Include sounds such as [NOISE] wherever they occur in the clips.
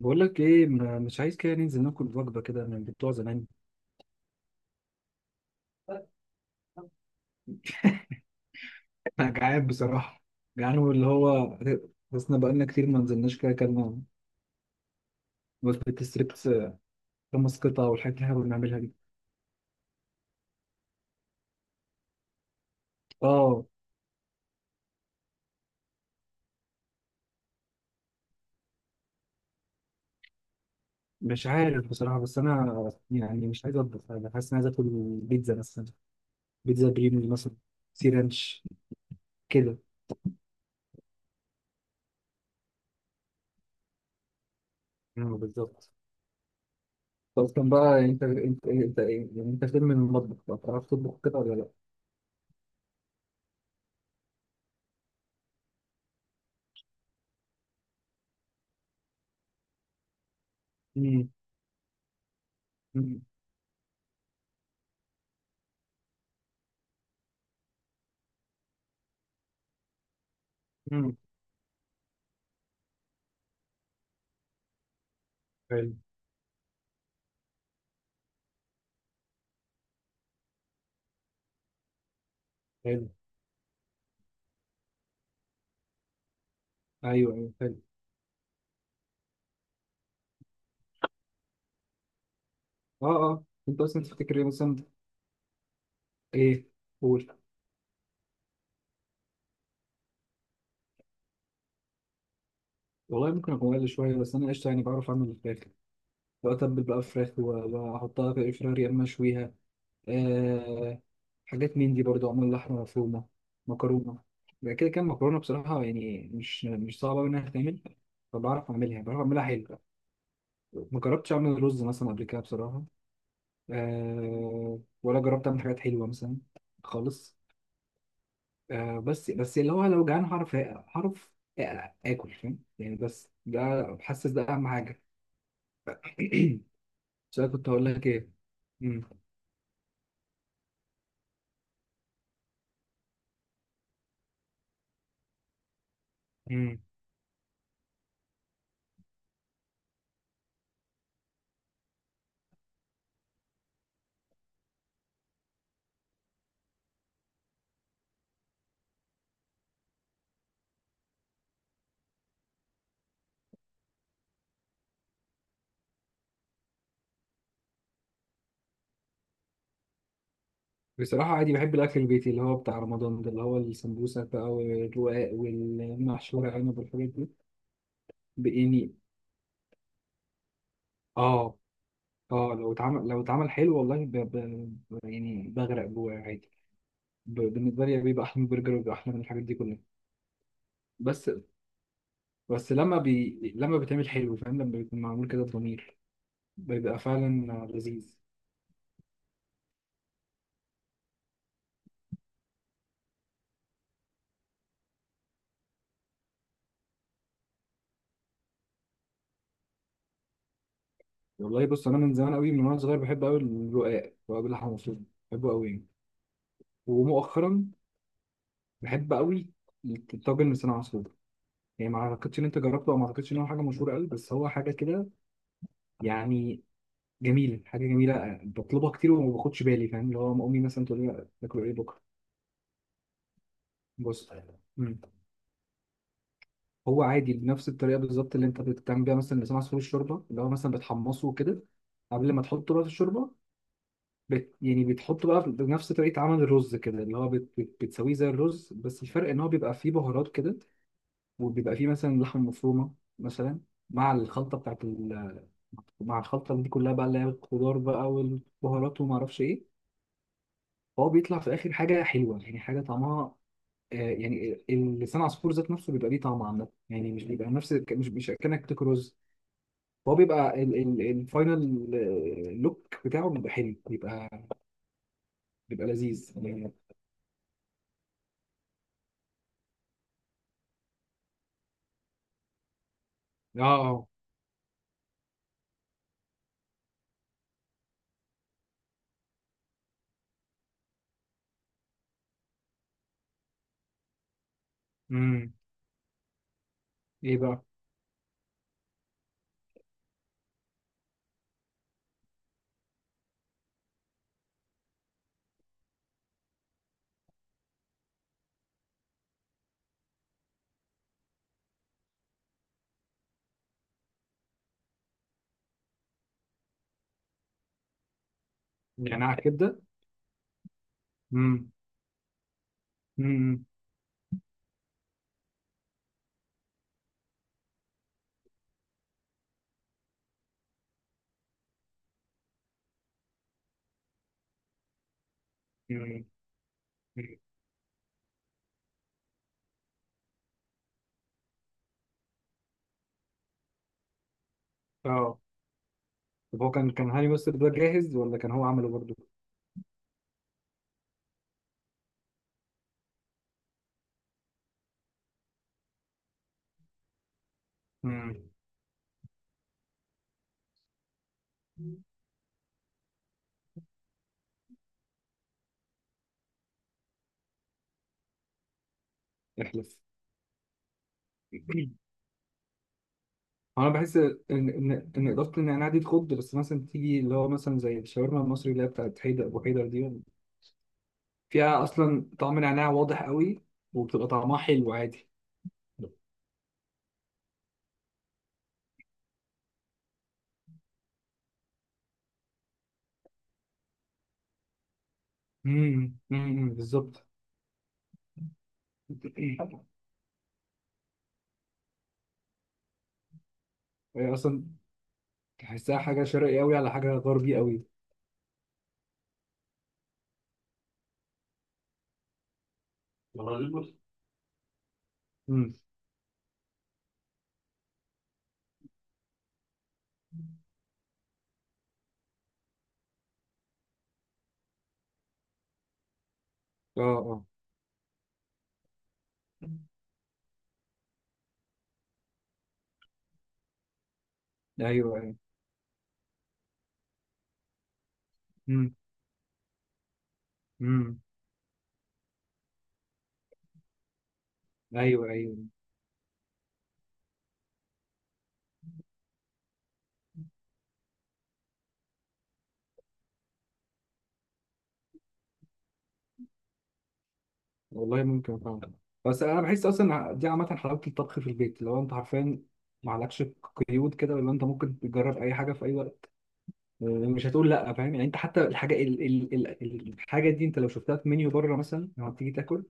بقول لك ايه، مش عايز كده ننزل ناكل وجبه كده من بتوع زمان. انا جعان بصراحه. جعان واللي هو. حسنا، بقالنا كتير ما نزلناش كده اكلنا. وجبه الستريبس خمس قطع والحاجات اللي احنا كنا بنعملها دي. اه، مش عارف بصراحه. بس انا يعني مش عايز اطبخ، انا حاسس اني عايز اكل. بيتزا مثلا. بيتزا بريمي مثلا. سي رانش. كده. اه، بالظبط. طب اصلا بقى، انت إيه؟ يعني انت فين من المطبخ بقى؟ بتعرف تطبخ كده ولا لا؟ امم. امم. حلو. حلو. ايوه، ايوه، حلو. اه، اه. انت اصلا تفتكر ايه مثلا؟ ايه؟ قول. والله ممكن اكون اقل شويه، بس انا قشطه يعني، بعرف اعمل الفراخ. بتبل بقى فراخ واحطها في الفراخ، يا اما اشويها. آه. حاجات من دي برضو، اعمل لحمه مفرومه، مكرونه. بقى كده، كان مكرونه بصراحه يعني، مش صعبه أوي انها تتعمل. فبعرف اعملها، بعرف اعملها حلو. ما جربتش اعمل رز مثلا قبل كده بصراحه. ولا جربت اعمل حاجات حلوه مثلا، خالص. بس اللي هو لو جعان، هعرف هعرف اكل، فاهم يعني، بس ده. حاسس ده اهم حاجه. [CLEARS THROAT] بس انا كنت هقول لك ايه. مم. مم. بصراحه عادي بحب الاكل البيتي، اللي هو بتاع رمضان ده، اللي هو السمبوسه بقى والرقاق والمحشوره عنب والحاجات دي، يعني. اه، اه، لو اتعمل حلو، والله يعني بغرق جواه عادي. بالنسبه لي بيبقى احلى من البرجر، وبيبقى احلى من الحاجات دي كلها. بس. بس لما لما بيتعمل حلو، فاهم، لما بيكون معمول كده بضمير. بيبقى فعلا لذيذ. والله بص، انا من زمان قوي، من وانا صغير بحب قوي الرقاق، رقاق باللحمه المفرومه، بحبه قوي يعني. ومؤخرا بحب قوي الطاجن لسان عصفور. يعني ما اعتقدش ان انت جربته، او ما اعتقدش ان هو حاجه مشهوره قوي، بس هو حاجه كده، يعني جميله، حاجه جميله، بطلبها كتير، وما باخدش بالي، فاهم، اللي هو أما امي مثلا تقول لي تاكلوا ايه بكره. بص. مم. هو عادي بنفس الطريقه بالظبط اللي انت بتعمل بيها مثلا لسان عصفور الشوربه، اللي هو مثلا بتحمصه كده قبل ما تحطه بقى في الشوربه. يعني بتحطه بقى بنفس طريقة عمل الرز كده، اللي هو بت بت بتسويه زي الرز، بس الفرق ان هو بيبقى فيه بهارات كده، وبيبقى فيه مثلا لحم مفرومة، مثلا، مع الخلطة بتاعت ال مع الخلطة دي كلها بقى، اللي هي الخضار بقى والبهارات وما اعرفش ايه. فهو بيطلع في الاخر حاجة حلوة، يعني حاجة طعمها، يعني لسان عصفور ذات نفسه بيبقى ليه طعم عامة، يعني مش بيبقى نفس، مش كأنك بتاكل رز. هو بيبقى الفاينل لوك بتاعه، بيبقى حلو، بيبقى بيبقى لذيذ يعني. اه. آه. ايه بقى؟ نعناع كبده؟ امم. امم. أمم. اه، طب هو كان هاني مستر ده جاهز، ولا كان هو عمله برضه؟ امم. احلف. [CLEARS THROAT] انا بحس ان اضافه النعناع دي تخض، بس مثلا تيجي اللي هو مثلا زي الشاورما المصري اللي هي بتاعت حيدر ابو حيدر دي، فيها اصلا طعم نعناع واضح قوي. وبتبقى طعمها حلو عادي. امم، أمم، بالظبط. [CLEARS THROAT] هي اصلا تحسها حاجه شرقي قوي على حاجه غربي قوي. امم. اه، اه. ايوه، ايوه. امم، امم. ايوه، ايوه. والله ممكن فعلا. بس انا بحس اصلا دي عامه، حلاوه الطبخ في البيت، لو انت حرفيا ما عليكش قيود كده، ولا انت ممكن تجرب اي حاجه في اي وقت. مش هتقول لا، فاهم يعني، انت حتى الحاجه ال ال ال الحاجه دي، انت لو شفتها في منيو بره مثلا لما تيجي تاكل،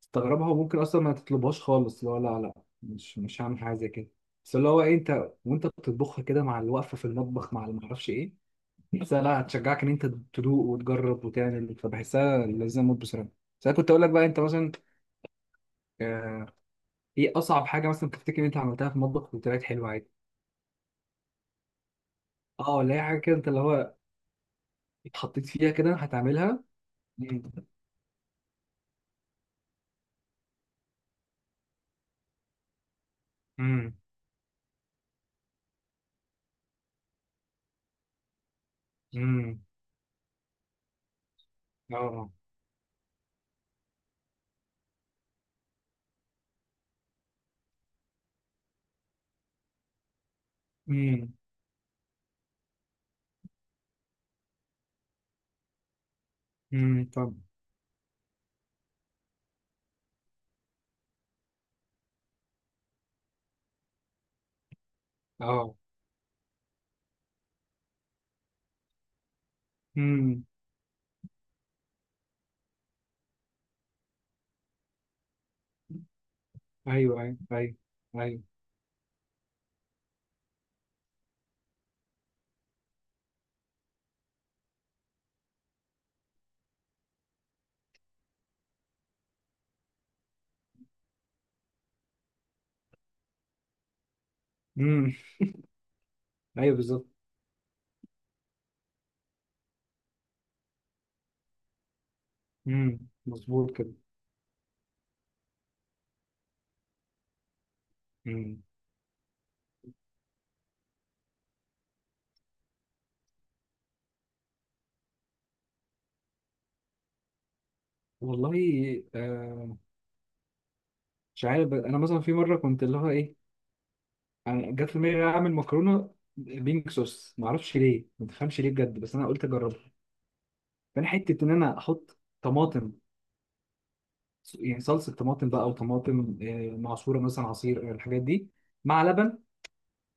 تستغربها وممكن اصلا ما تطلبهاش خالص، لا، لا، لا. مش هعمل حاجه زي كده. بس اللي هو إيه، انت وانت بتطبخها كده مع الوقفه في المطبخ، مع اللي ما اعرفش ايه، بحسها لا، هتشجعك ان انت تدوق وتجرب وتعمل، فبحسها لازم اموت بصراحه. بس انا كنت اقول لك بقى، انت مثلا آه، ايه اصعب حاجه مثلا تفتكر ان انت عملتها في المطبخ وطلعت حلوه عادي؟ اه، ولا هي حاجه كده انت اللي هو، اتحطيت فيها كده هتعملها؟ امم. امم. اه. امم. امم. طب. اه. امم. ايوه، ايوه، ايوه، ايوه. امم. ايوه، بالظبط. امم. مظبوط كده. امم. والله، آه، مش عارف، انا مثلا في مره كنت اللي هو ايه، انا جت في دماغي اعمل مكرونه بينك صوص، ما اعرفش ليه، ما تفهمش ليه بجد، بس انا قلت اجربها. فانا حته ان انا احط طماطم، يعني صلصه طماطم بقى، او طماطم معصوره مثلا، عصير الحاجات دي، مع لبن.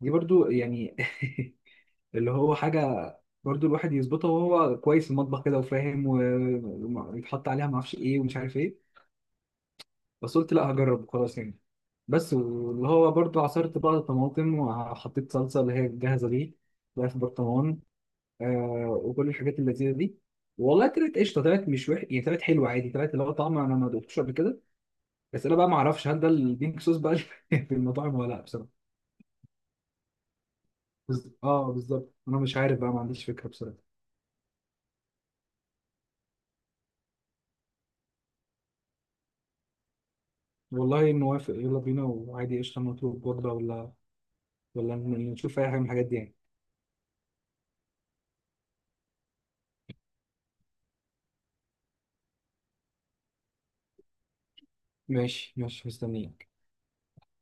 دي برضو يعني. [LAUGHS] اللي هو حاجه، برضو الواحد يظبطها وهو كويس في المطبخ كده وفاهم، ويتحط عليها ما اعرفش ايه ومش عارف ايه. بس قلت لا، هجرب خلاص يعني. بس واللي هو برضو، عصرت بقى طماطم وحطيت صلصه اللي هي الجاهزه دي، بقى في برطمان، وكل الحاجات اللذيذه دي. والله طلعت قشطه، طلعت مش وحش يعني، طلعت حلوه عادي، طلعت اللي هو طعم انا ما دقتوش قبل كده. بس انا بقى ما اعرفش، هل ده البينك صوص بقى اللي [LAUGHS] في المطاعم ولا لا بصراحه؟ اه، بالظبط، انا مش عارف بقى، ما عنديش فكره بصراحه. والله موافق، يلا بينا، وعادي قشطه، نطلب وجبه ولا، ولا نشوف اي حاجه من الحاجات دي يعني؟ ماشي، ماشي، مستنيك.